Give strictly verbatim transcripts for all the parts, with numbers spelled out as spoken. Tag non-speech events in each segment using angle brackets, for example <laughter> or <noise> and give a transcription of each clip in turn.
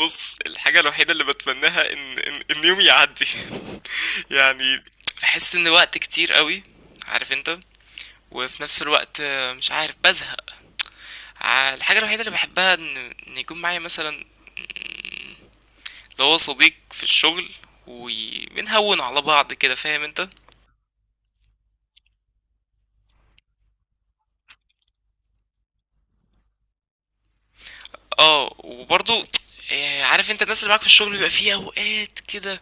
بُص، الحاجة الوحيدة اللي باتمناها إن إن إن يومي يعدّي <laughs> يعني باحس إن وقت كتير أوي، عارف أنت، وفي نفس الوقت آه، مش عارف بازهق، ع الحاجة الوحيدة اللي باحبها إن إن يكون معايا مثلًا اللي هو صديق في الشغل وي بنهوّن على بعض كده، فاهم أنت؟ آه، وبرضه آآ عارف أنت الناس اللي معاك في الشغل بيبقى في أوقات كده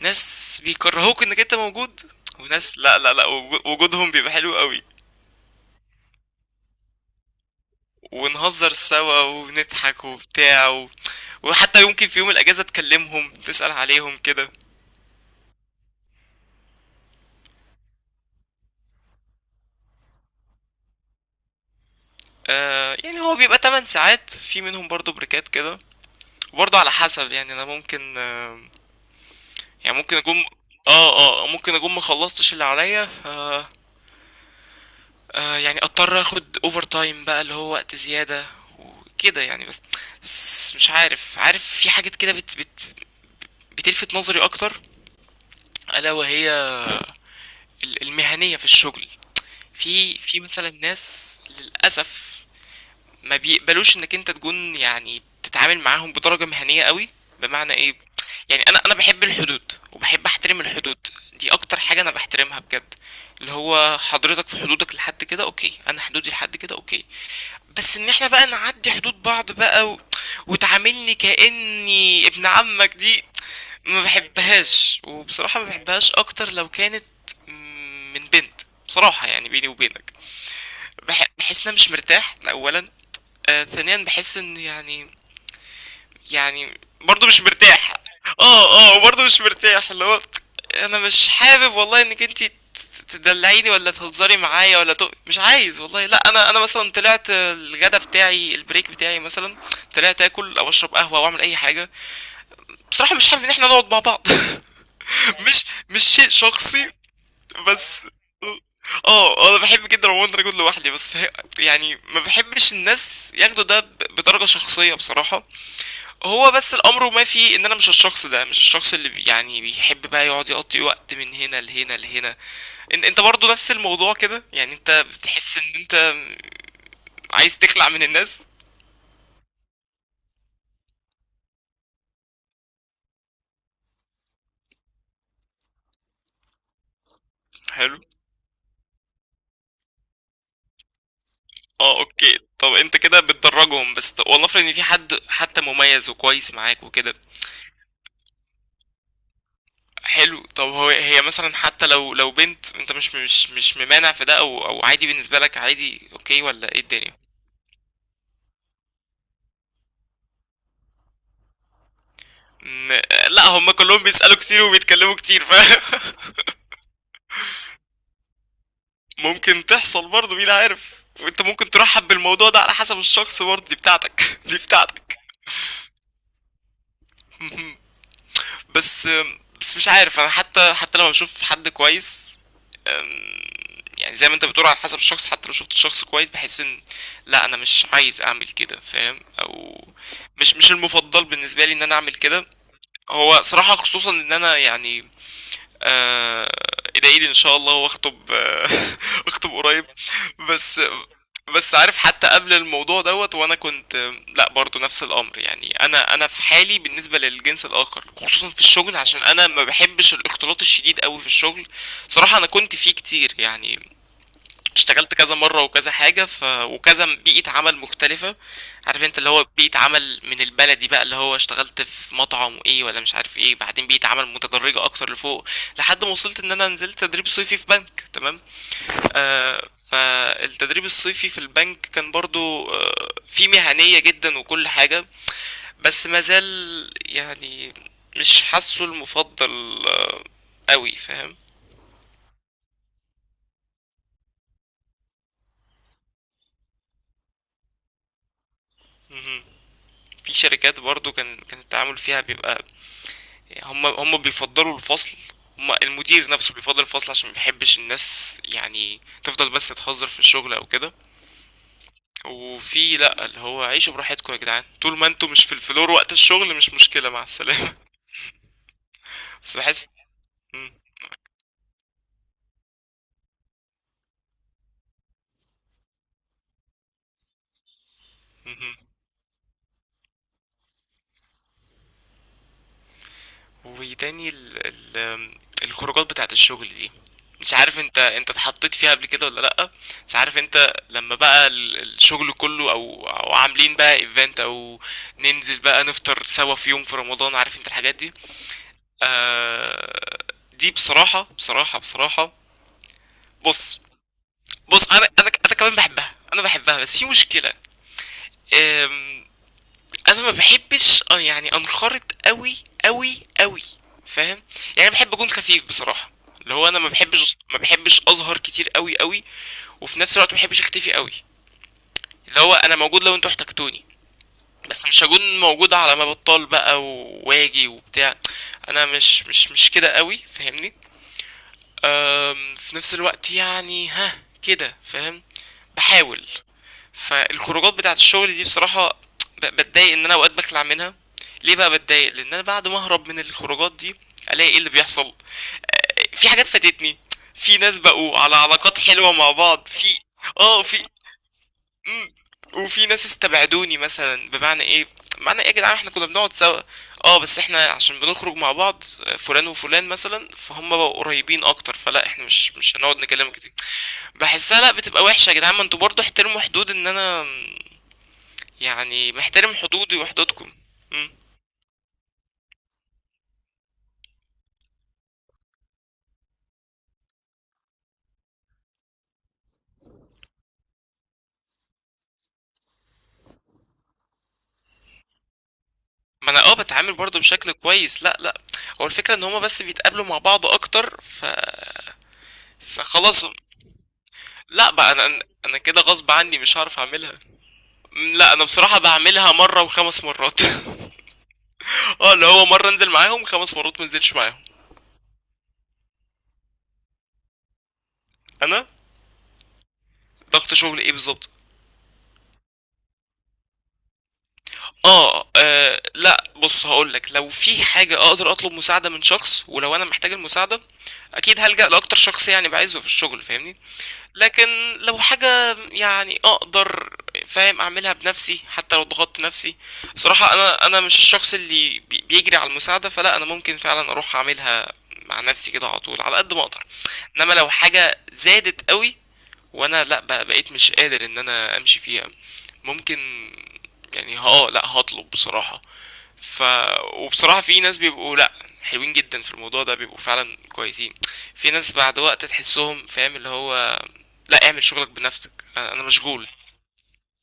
ناس بيكرهوك إنك أنت موجود، وناس لأ، لأ، لأ، وجو وجودهم بيبقى حلو أوي. ونهزر سوا وبنضحك وبتاع و... وحتى يمكن في يوم الأجازة تكلمهم تسأل عليهم كده. آه يعني هو بيبقى ثماني ساعات في منهم برضو بريكات كده. وبرضو على حسب يعني أنا ممكن آه يعني ممكن أكون، اه اه ممكن أكون مخلصتش اللي عليا ف آه يعني أضطر أخد أوفر تايم بقى اللي هو وقت زيادة وكده يعني. بس بس مش عارف، عارف في حاجات كده بت... بت... بتلفت نظري أكتر. ألا وهي ال- المهنية في الشغل. في في مثلا ناس للأسف ما بيقبلوش انك انت تكون يعني تتعامل معاهم بدرجة مهنية قوي. بمعنى ايه؟ يعني انا انا بحب الحدود وبحب احترم الحدود. دي اكتر حاجة انا بحترمها بجد. اللي هو حضرتك في حدودك لحد كده اوكي، انا حدودي لحد كده اوكي. بس ان احنا بقى نعدي حدود بعض بقى و... وتعاملني كأني ابن عمك، دي ما بحبهاش، وبصراحة ما بحبهاش اكتر لو كانت من بنت. بصراحة يعني بيني وبينك، بح- بحس ان انا مش مرتاح ده اولا. آه ثانيا بحس ان يعني، يعني برضه مش مرتاح. اه اه برضه مش مرتاح. اللي هو انا مش حابب والله انك انت تدلعيني ولا تهزري معايا ولا تق... مش عايز والله. لا انا انا مثلا طلعت الغدا بتاعي، البريك بتاعي مثلا، طلعت اكل او اشرب قهوه او اعمل اي حاجه، بصراحه مش حابب ان احنا نقعد مع بعض. <laughs> مش مش شيء شخصي. بس اه انا بحب جدا عموما ان انا اكون لوحدي، بس هي يعني ما بحبش الناس ياخدوا ده ب- بدرجة شخصية بصراحة. هو بس الامر ما فيه ان انا مش الشخص ده، مش الشخص اللي بي- يعني بيحب بقى يقعد يقضي وقت من هنا لهنا لهنا. ان انت برضو نفس الموضوع كده، يعني انت بتحس ان انت عايز تخلع من الناس. حلو. اه اوكي، طب انت كده بتدرجهم بس، والله افرض ان في حد حتى مميز وكويس معاك وكده. حلو. طب هو هي مثلا حتى لو لو بنت، انت مش مش مش ممانع في ده او او عادي بالنسبه لك؟ عادي اوكي ولا ايه الدنيا؟ م... لا هم كلهم بيسالوا كتير وبيتكلموا كتير ف <laughs> ممكن تحصل برضه، مين عارف، وانت ممكن ترحب بالموضوع ده على حسب الشخص برضه دي بتاعتك <laughs> دي بتاعتك. بس، بس مش عارف انا، حتى حتى لما بشوف حد كويس أم، يعني زي ما انت بتقول على حسب الشخص، حتى لو شفت الشخص كويس بحس ان لا، انا مش عايز اعمل كده فاهم. او مش، مش المفضل بالنسبه لي ان انا اعمل كده. هو صراحه خصوصا ان انا يعني آه، ادعي لي ان شاء الله واخطب <laughs> آه، اخطب قريب. بس بس عارف حتى قبل الموضوع دوت وانا كنت لا برضو نفس الامر. يعني انا انا في حالي بالنسبه للجنس الاخر خصوصا في الشغل، عشان انا ما بحبش الاختلاط الشديد قوي في الشغل. صراحه انا كنت فيه كتير يعني، اشتغلت كذا مرة وكذا حاجة ف... وكذا بيئة عمل مختلفة. عارف انت اللي هو بيئة عمل من البلدي بقى اللي هو اشتغلت في مطعم وايه ولا مش عارف ايه، بعدين بيئة عمل متدرجة اكتر لفوق، لحد ما وصلت ان انا نزلت تدريب صيفي في بنك، تمام. آه فالتدريب الصيفي في البنك كان برضو آه فيه مهنية جدا وكل حاجة، بس مازال يعني مش حاسه المفضل آه قوي فاهم. مهم. في شركات برضو كان كان التعامل فيها بيبقى هم هم بيفضلوا الفصل، هم المدير نفسه بيفضل الفصل عشان ما بيحبش الناس يعني تفضل بس تهزر في الشغل او كده. وفي لا اللي هو عيشوا براحتكم يا جدعان طول ما انتوا مش في الفلور، وقت الشغل مش مشكلة مع السلامة. <laughs> بس بحس مم، مم. وتاني ال... ال... الخروجات بتاعت الشغل دي، مش عارف انت، انت اتحطيت فيها قبل كده ولا لا، بس عارف انت لما بقى ال- الشغل كله او او عاملين بقى ايفنت او ننزل بقى نفطر سوا في يوم في رمضان، عارف انت الحاجات دي. آه دي بصراحة بصراحة بصراحة، بص بص انا انا انا كمان بحبها، انا بحبها، بس في مشكلة. آم، انا ما بحبش آه، يعني انخرط قوي قوي قوي فاهم. يعني بحب اكون خفيف بصراحة، اللي هو انا ما بحبش ما بحبش اظهر كتير قوي قوي، وفي نفس الوقت ما بحبش اختفي قوي. اللي هو انا موجود لو انتوا احتجتوني، بس مش هكون موجود على ما بطال بقى و- واجي وبتاع. انا مش مش مش كده قوي فاهمني. أم، في نفس الوقت يعني ها كده فاهم، بحاول. فالخروجات بتاعت الشغل دي بصراحة ب- بتضايق ان انا اوقات بخلع منها. ليه بقى بتضايق؟ لان انا بعد ما اهرب من الخروجات دي الاقي ايه اللي بيحصل، في حاجات فاتتني، في ناس بقوا على علاقات حلوة مع بعض في، اه، في مم. وفي ناس استبعدوني مثلا. بمعنى ايه؟ معنى ايه يا جدعان؟ احنا كنا بنقعد سوا. اه بس احنا عشان بنخرج مع بعض، فلان وفلان مثلا فهم بقوا قريبين اكتر، فلا احنا مش مش هنقعد نكلم كتير. بحسها لا بتبقى وحشة يا جدعان، ما انتوا برضه احترموا حدود ان انا يعني محترم حدودي وحدودكم. مم. ما انا اه بتعامل برضه بشكل كويس، لا لا، هو الفكرة ان هما بس بيتقابلوا مع بعض اكتر ف فخلاص. لا بقى انا انا أنا كده غصب عني مش هعرف اعملها. لا انا بصراحه بعملها مره وخمس مرات <laughs> <applause> اه اللي هو مره انزل معاهم خمس مرات ما انزلش معاهم. انا ضغط شغل ايه بالظبط؟ آه, اه لا بص هقولك. لو في حاجه اقدر اطلب مساعده من شخص ولو انا محتاج المساعده اكيد هلجأ لاكتر شخص يعني بعايزه في الشغل فاهمني. لكن لو حاجة يعني اقدر فاهم اعملها بنفسي حتى لو ضغطت نفسي. بصراحة انا انا مش الشخص اللي بي- بيجري على المساعدة، فلا انا ممكن فعلا اروح اعملها مع نفسي كده على طول على قد ما اقدر. انما لو حاجة زادت قوي وانا لا بقى بقيت مش قادر ان انا امشي فيها، ممكن يعني اه لا هطلب بصراحة. ف وبصراحة في ناس بيبقوا لأ، حلوين جدا في الموضوع ده بيبقوا فعلا كويسين. في ناس بعد وقت تحسهم فاهم، اللي هو لأ اعمل شغلك بنفسك، انا أنا مشغول.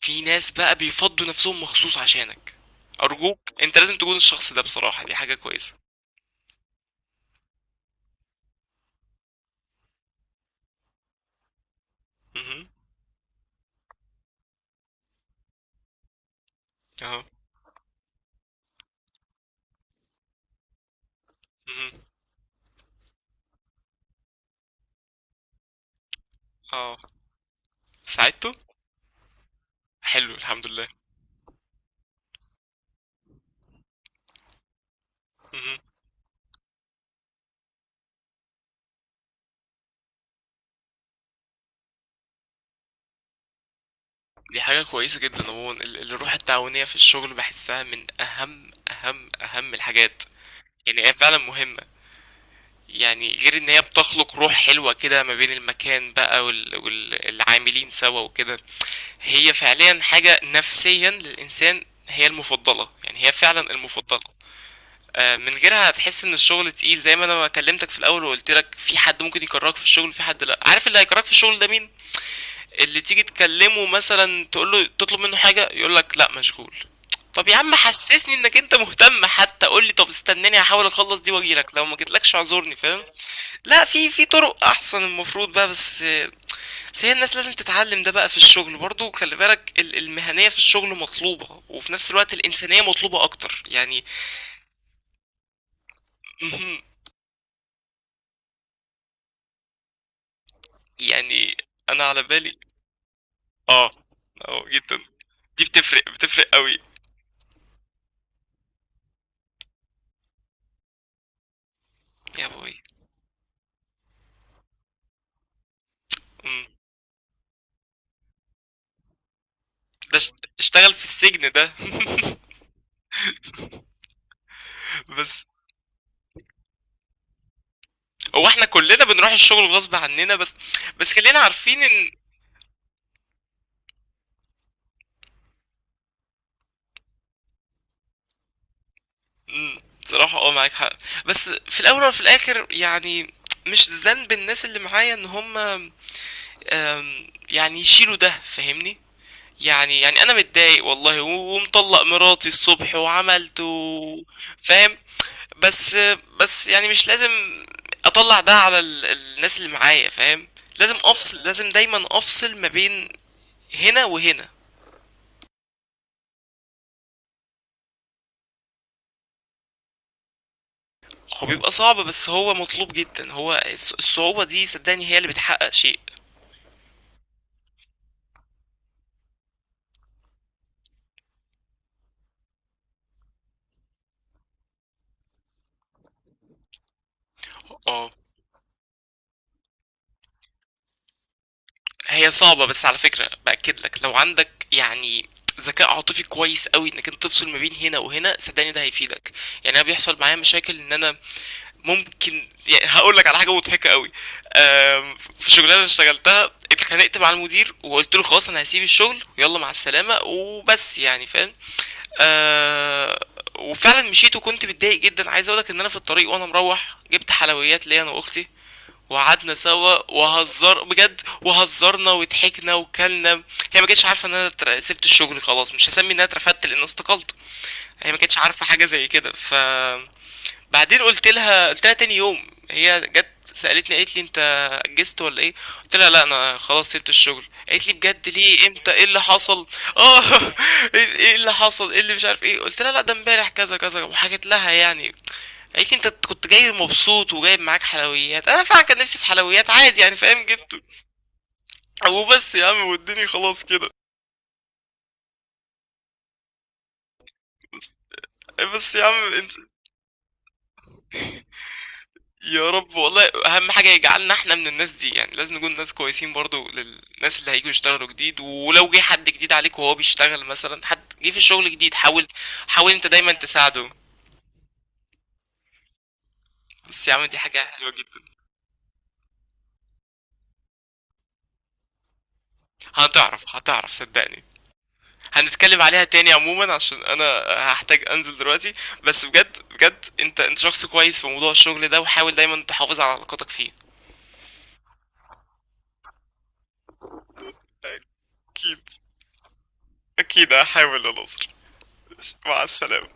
في ناس بقى بيفضوا نفسهم مخصوص عشانك. أرجوك أنت لازم تكون الشخص ده، بصراحة دي حاجة كويسة. مهم. اهو مهم. اه ساعدته. حلو الحمد لله. مهم. دي حاجة كويسة جدا عموما، ال- الروح التعاونية في الشغل بحسها من أهم أهم أهم الحاجات. يعني هي فعلا مهمة، يعني غير ان هي بتخلق روح حلوة كده ما بين المكان بقى وال- والعاملين سوا وكده. هي فعليا حاجة نفسيا للإنسان هي المفضلة، يعني هي فعلا المفضلة. آه، من غيرها هتحس ان الشغل تقيل، زي ما انا ما كلمتك في الاول وقلت لك في حد ممكن يكرهك في الشغل، في حد لا عارف، اللي هيكرهك في الشغل ده مين؟ اللي تيجي تكلمه مثلا تقول له تطلب منه حاجة يقول لك لا مشغول. طب يا عم حسسني انك انت مهتم، حتى قول لي طب استناني هحاول اخلص دي واجيلك، لو ما جيتلكش اعذرني فاهم. لا في في طرق احسن المفروض بقى، بس بس هي الناس لازم تتعلم ده بقى في الشغل برضو. خلي بالك ال- المهنية في الشغل مطلوبة، وفي نفس الوقت الإنسانية مطلوبة اكتر يعني. مهم. يعني انا على بالي اه، اه جدا، دي بتفرق بتفرق قوي. يا ابوي. مم. ده ش- اشتغل في السجن ده <laughs> بس هو احنا كلنا بنروح الشغل غصب عننا، بس بس خلينا عارفين ان إمم، بصراحة آه معاك حق، بس في الأول وفي الآخر يعني مش ذنب الناس اللي معايا إن هُم آمم، يعني يشيلوا ده فاهمني؟ يعني يعني أنا متضايق والله و ومطلّق مراتي الصبح وعملت و فاهم؟ بس بس يعني مش لازم أطلّع ده على ال الناس اللي معايا فاهم؟ لازم أفصل، لازم دايمًا أفصل ما بين هنا وهنا. هو بيبقى صعب بس هو مطلوب جدًا، هو الص الصعوبة دي صدّقني هي اللي بتحقق شيء. آه. هي صعبة بس على فكرة بأكد لك لو عندك يعني ذكاء عاطفي كويس قوي انك انت تفصل ما بين هنا وهنا صدقني ده هيفيدك. يعني انا بيحصل معايا مشاكل ان انا ممكن، يعني هقول لك على حاجه مضحكه قوي. آم، في شغلانه اشتغلتها اتخانقت مع المدير وقلت له خلاص انا هسيب الشغل ويلا مع السلامه وبس يعني فاهم. آه، وفعلا مشيت وكنت متضايق جدا. عايز اقولك ان انا في الطريق وانا مروح جبت حلويات ليا انا واختي، وقعدنا سوا وهزر بجد وهزرنا وضحكنا وكلنا. هي ما كانتش عارفه ان انا اتر- سبت الشغل خلاص، مش هسمي ان انا اترفدت لان أنا استقلت. هي ما كانتش عارفه حاجه زي كده ف بعدين قلت لها قلت لها تاني يوم، هي جت سالتني قالت لي انت اجزت ولا ايه؟ قلت لها لا انا خلاص سبت الشغل. قالت لي بجد؟ ليه؟ امتى؟ ايه اللي حصل؟ <laughs> اه ايه إيه اللي حصل ايه اللي مش عارف ايه. قلت لها لا ده امبارح كذا كذا وحكيت لها يعني. قالت لي انت كنت جاي مبسوط وجايب معاك حلويات. انا فعلا كان نفسي في حلويات عادي يعني فاهم، جبته. وبس يا عم واديني خلاص كده. بس يا عم انت، يا رب والله، اهم حاجه يجعلنا احنا من الناس دي. يعني لازم نكون ناس كويسين برضو للناس اللي هيجوا يشتغلوا جديد، ولو جه حد جديد عليك وهو بيشتغل مثلا حد جه في الشغل جديد حاول، حاول انت دايما تساعده. بس يا عم دي حاجه حلوه جدا. هتعرف هتعرف صدقني. هنتكلم عليها تاني عموما عشان انا هحتاج انزل دلوقتي. بس بجد بجد انت انت شخص كويس في موضوع الشغل ده، وحاول دايما تحافظ على علاقاتك فيه. اكيد اكيد هحاول يا ناصر. مع السلامة.